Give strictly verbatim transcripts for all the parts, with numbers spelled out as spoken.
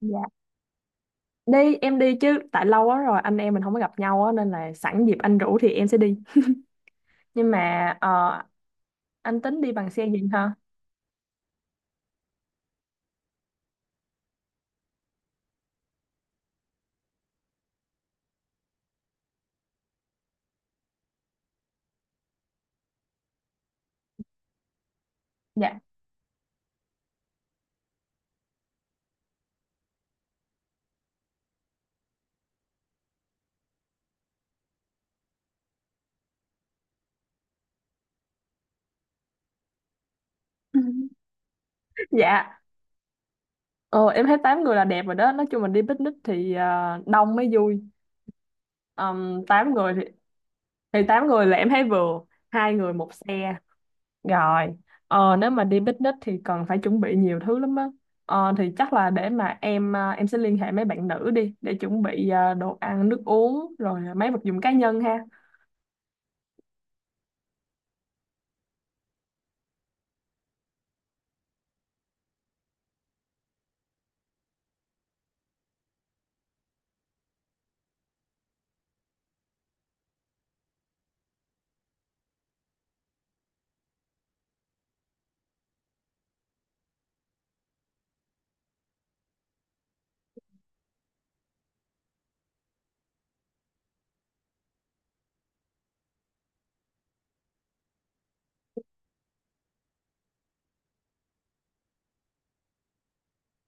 Dạ. Đi em đi chứ tại lâu quá rồi anh em mình không có gặp nhau á, nên là sẵn dịp anh rủ thì em sẽ đi. Nhưng mà ờ, anh tính đi bằng xe gì hả? Dạ. Dạ. Ờ, em thấy tám người là đẹp rồi đó, nói chung mình đi picnic thì ờ, đông mới vui. Um, tám người thì thì tám người là em thấy vừa, hai người một xe. Rồi, ờ, nếu mà đi picnic thì cần phải chuẩn bị nhiều thứ lắm á. Ờ, thì chắc là để mà em à, em sẽ liên hệ mấy bạn nữ đi để chuẩn bị à, đồ ăn, nước uống rồi mấy vật dụng cá nhân ha.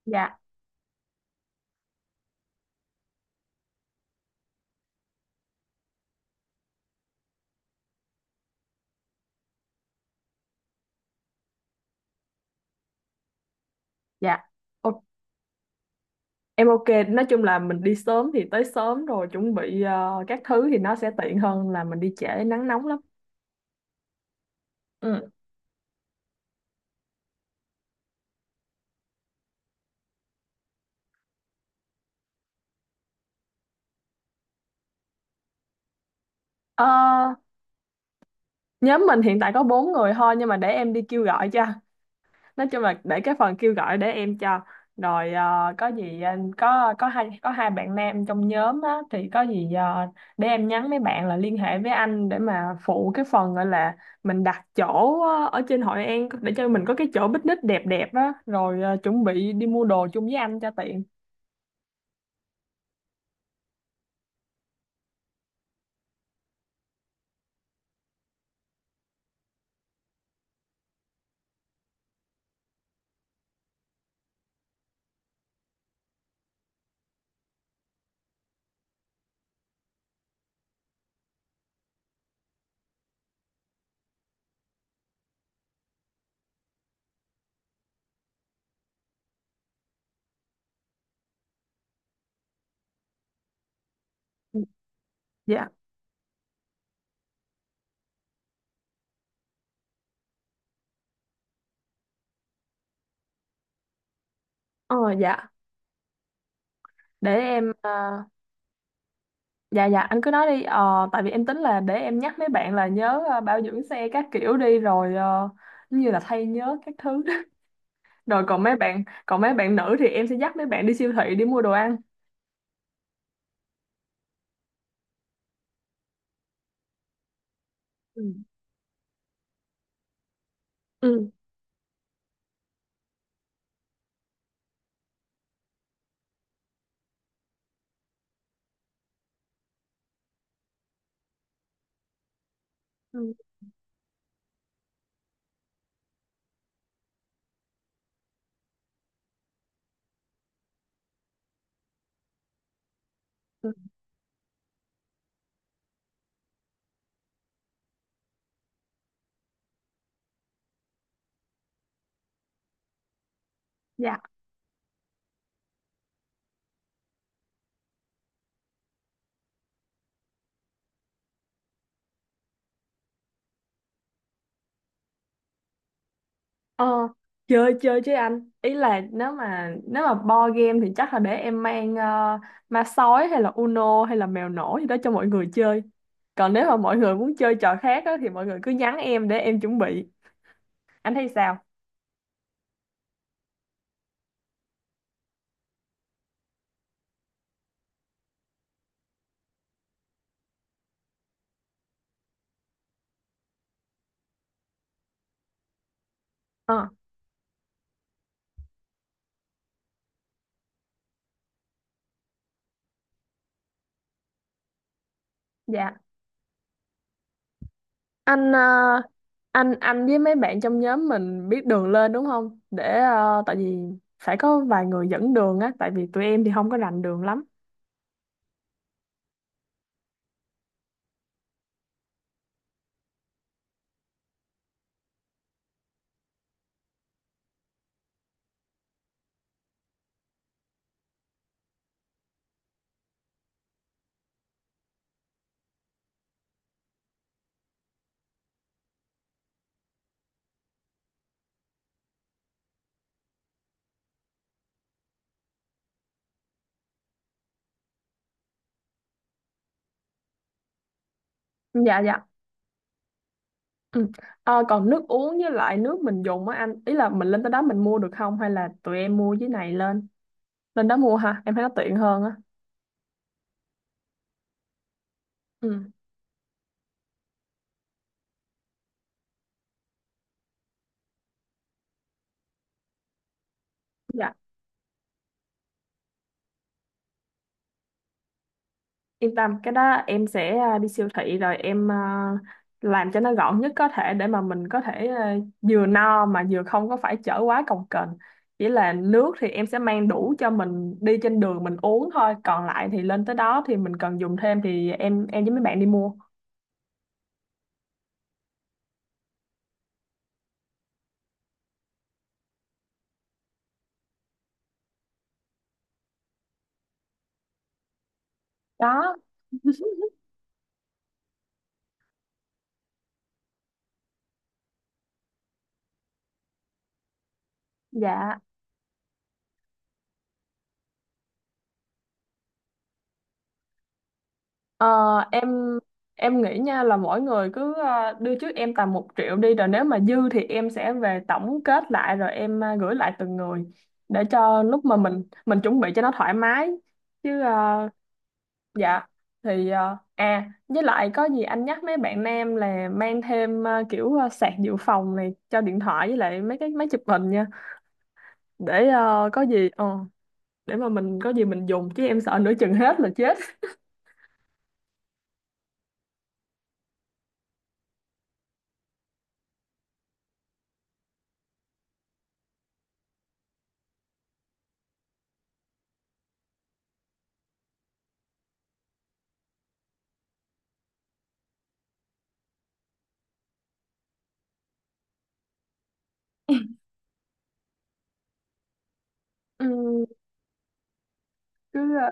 Dạ, dạ. Ô, em ok, nói chung là mình đi sớm thì tới sớm rồi chuẩn bị ờ, các thứ thì nó sẽ tiện hơn là mình đi trễ nắng nóng lắm. Ừ. Ờ, nhóm mình hiện tại có bốn người thôi, nhưng mà để em đi kêu gọi cho. Nói chung là để cái phần kêu gọi để em cho. Rồi ờ, có gì anh có có hai có hai bạn nam trong nhóm á thì có gì ờ, để em nhắn mấy bạn là liên hệ với anh để mà phụ cái phần gọi là mình đặt chỗ ờ, ở trên Hội An để cho mình có cái chỗ picnic đẹp đẹp á, rồi ờ, chuẩn bị đi mua đồ chung với anh cho tiện. Dạ. ờ dạ để em ờ, Dạ, dạ, anh cứ nói đi. Ờ, tại vì em tính là để em nhắc mấy bạn là nhớ ờ, bảo dưỡng xe các kiểu đi, rồi ờ, như là thay nhớ các thứ. Rồi còn mấy bạn, còn mấy bạn nữ thì em sẽ dắt mấy bạn đi siêu thị đi mua đồ ăn. ừ ừ ừ ừ. Dạ. Ờ, chơi chơi chứ anh. Ý là nếu mà nếu mà board game thì chắc là để em mang ờ, ma sói hay là Uno hay là mèo nổ gì đó cho mọi người chơi. Còn nếu mà mọi người muốn chơi trò khác á, thì mọi người cứ nhắn em để em chuẩn bị. Anh thấy sao? ờ dạ anh ờ, anh anh với mấy bạn trong nhóm mình biết đường lên đúng không, để ờ, tại vì phải có vài người dẫn đường á, tại vì tụi em thì không có rành đường lắm. Dạ, dạ. Ừ. Ờ, còn nước uống với lại nước mình dùng á anh, ý là mình lên tới đó mình mua được không, hay là tụi em mua dưới này lên, lên đó mua ha, em thấy nó tiện hơn á. Ừ. Dạ. Yên tâm, cái đó em sẽ à, đi siêu thị rồi em à, làm cho nó gọn nhất có thể để mà mình có thể à, vừa no mà vừa không có phải chở quá cồng kềnh. Chỉ là nước thì em sẽ mang đủ cho mình đi trên đường mình uống thôi, còn lại thì lên tới đó thì mình cần dùng thêm thì em em với mấy bạn đi mua. Đó, dạ. Ờ, em em nghĩ nha là mỗi người cứ ờ, đưa trước em tầm một triệu đi, rồi nếu mà dư thì em sẽ về tổng kết lại rồi em ờ, gửi lại từng người để cho lúc mà mình mình chuẩn bị cho nó thoải mái, chứ ờ, dạ. Thì ờ, à với lại có gì anh nhắc mấy bạn nam là mang thêm ờ, kiểu ờ, sạc dự phòng này cho điện thoại với lại mấy cái máy chụp hình nha, để ờ, có gì ờ, để mà mình có gì mình dùng, chứ em sợ nửa chừng hết là chết. Ừm, cứ ờ,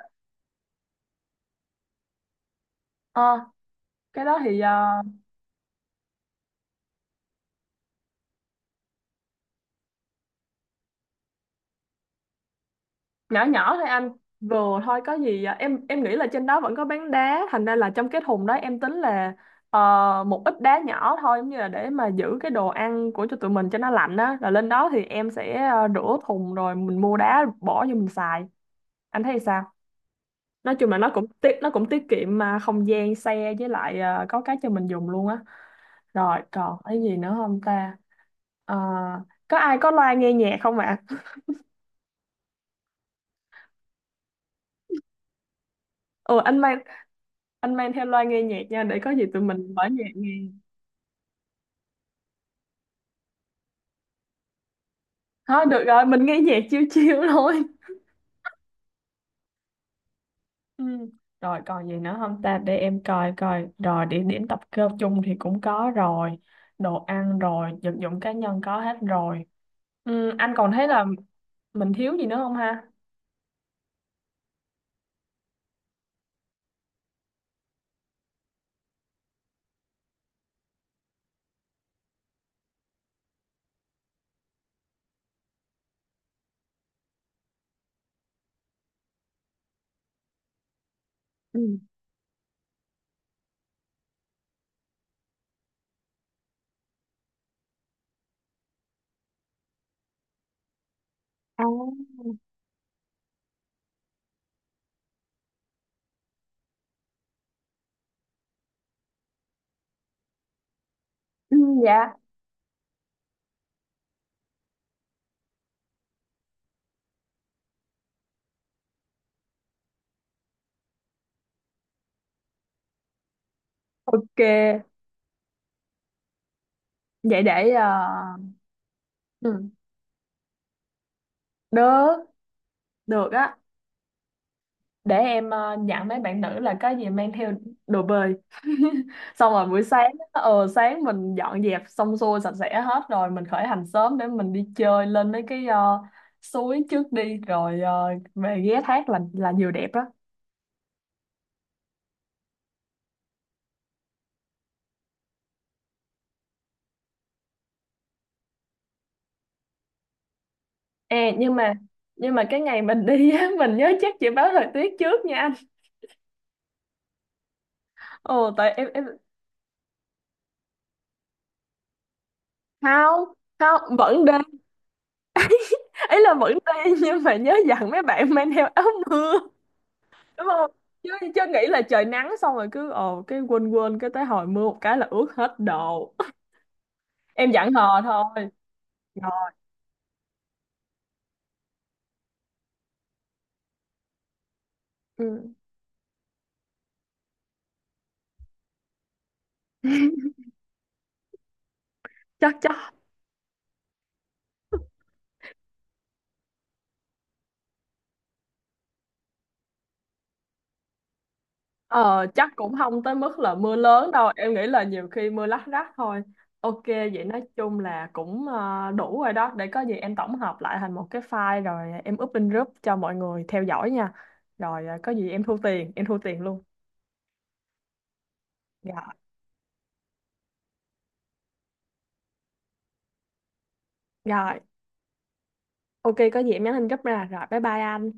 ờ, cái đó thì ờ, nhỏ nhỏ thôi anh, vừa thôi có gì à? em em nghĩ là trên đó vẫn có bán đá, thành ra là trong cái thùng đó em tính là ờ, một ít đá nhỏ thôi, giống như là để mà giữ cái đồ ăn của cho tụi mình cho nó lạnh á, rồi lên đó thì em sẽ ờ, rửa thùng rồi mình mua đá bỏ vô mình xài. Anh thấy sao? Nói chung là nó cũng tiết nó cũng tiết kiệm mà không gian xe với lại ờ, có cái cho mình dùng luôn á. Rồi còn cái gì nữa không ta? Ờ, có ai có loa nghe nhạc không ạ? Ừ, anh mang, anh mang theo loa nghe nhạc nha để có gì tụi mình mở nhạc nghe. Thôi được rồi mình nghe nhạc chiêu chiêu thôi. Ừ. Rồi còn gì nữa không ta, để em coi coi. Rồi địa điểm tập cơ chung thì cũng có rồi, đồ ăn rồi vật dụng cá nhân có hết rồi. Ừ, anh còn thấy là mình thiếu gì nữa không ha? Ừ. À. Ừ, dạ ok. Vậy để ờ, ừ. Đớ được á, để em ờ, dặn mấy bạn nữ là có gì mang theo đồ bơi. Xong rồi buổi sáng, ờ sáng mình dọn dẹp xong xuôi sạch sẽ hết rồi mình khởi hành sớm để mình đi chơi lên mấy cái ờ, suối trước đi, rồi ờ, về ghé thác là là nhiều đẹp đó. Ê, nhưng mà nhưng mà cái ngày mình đi á, mình nhớ chắc chị báo thời tiết trước nha anh. Ồ tại em em Không, không, vẫn đi, ý là vẫn đi, nhưng mà nhớ dặn mấy bạn mang theo áo mưa đúng không? Chứ chứ nghĩ là trời nắng xong rồi cứ ồ cái quên quên cái tới hồi mưa một cái là ướt hết đồ. Em giảng hò thôi. Dạ. Ừ. chắc Chắc ờ, chắc cũng không tới mức là mưa lớn đâu, em nghĩ là nhiều khi mưa lác đác thôi. Ok, vậy nói chung là cũng ờ, đủ rồi đó, để có gì em tổng hợp lại thành một cái file rồi em up in group cho mọi người theo dõi nha. Rồi ờ, có gì em thu tiền em thu tiền luôn. Dạ. Rồi ok, có gì em nhắn tin group ra, rồi bye bye anh.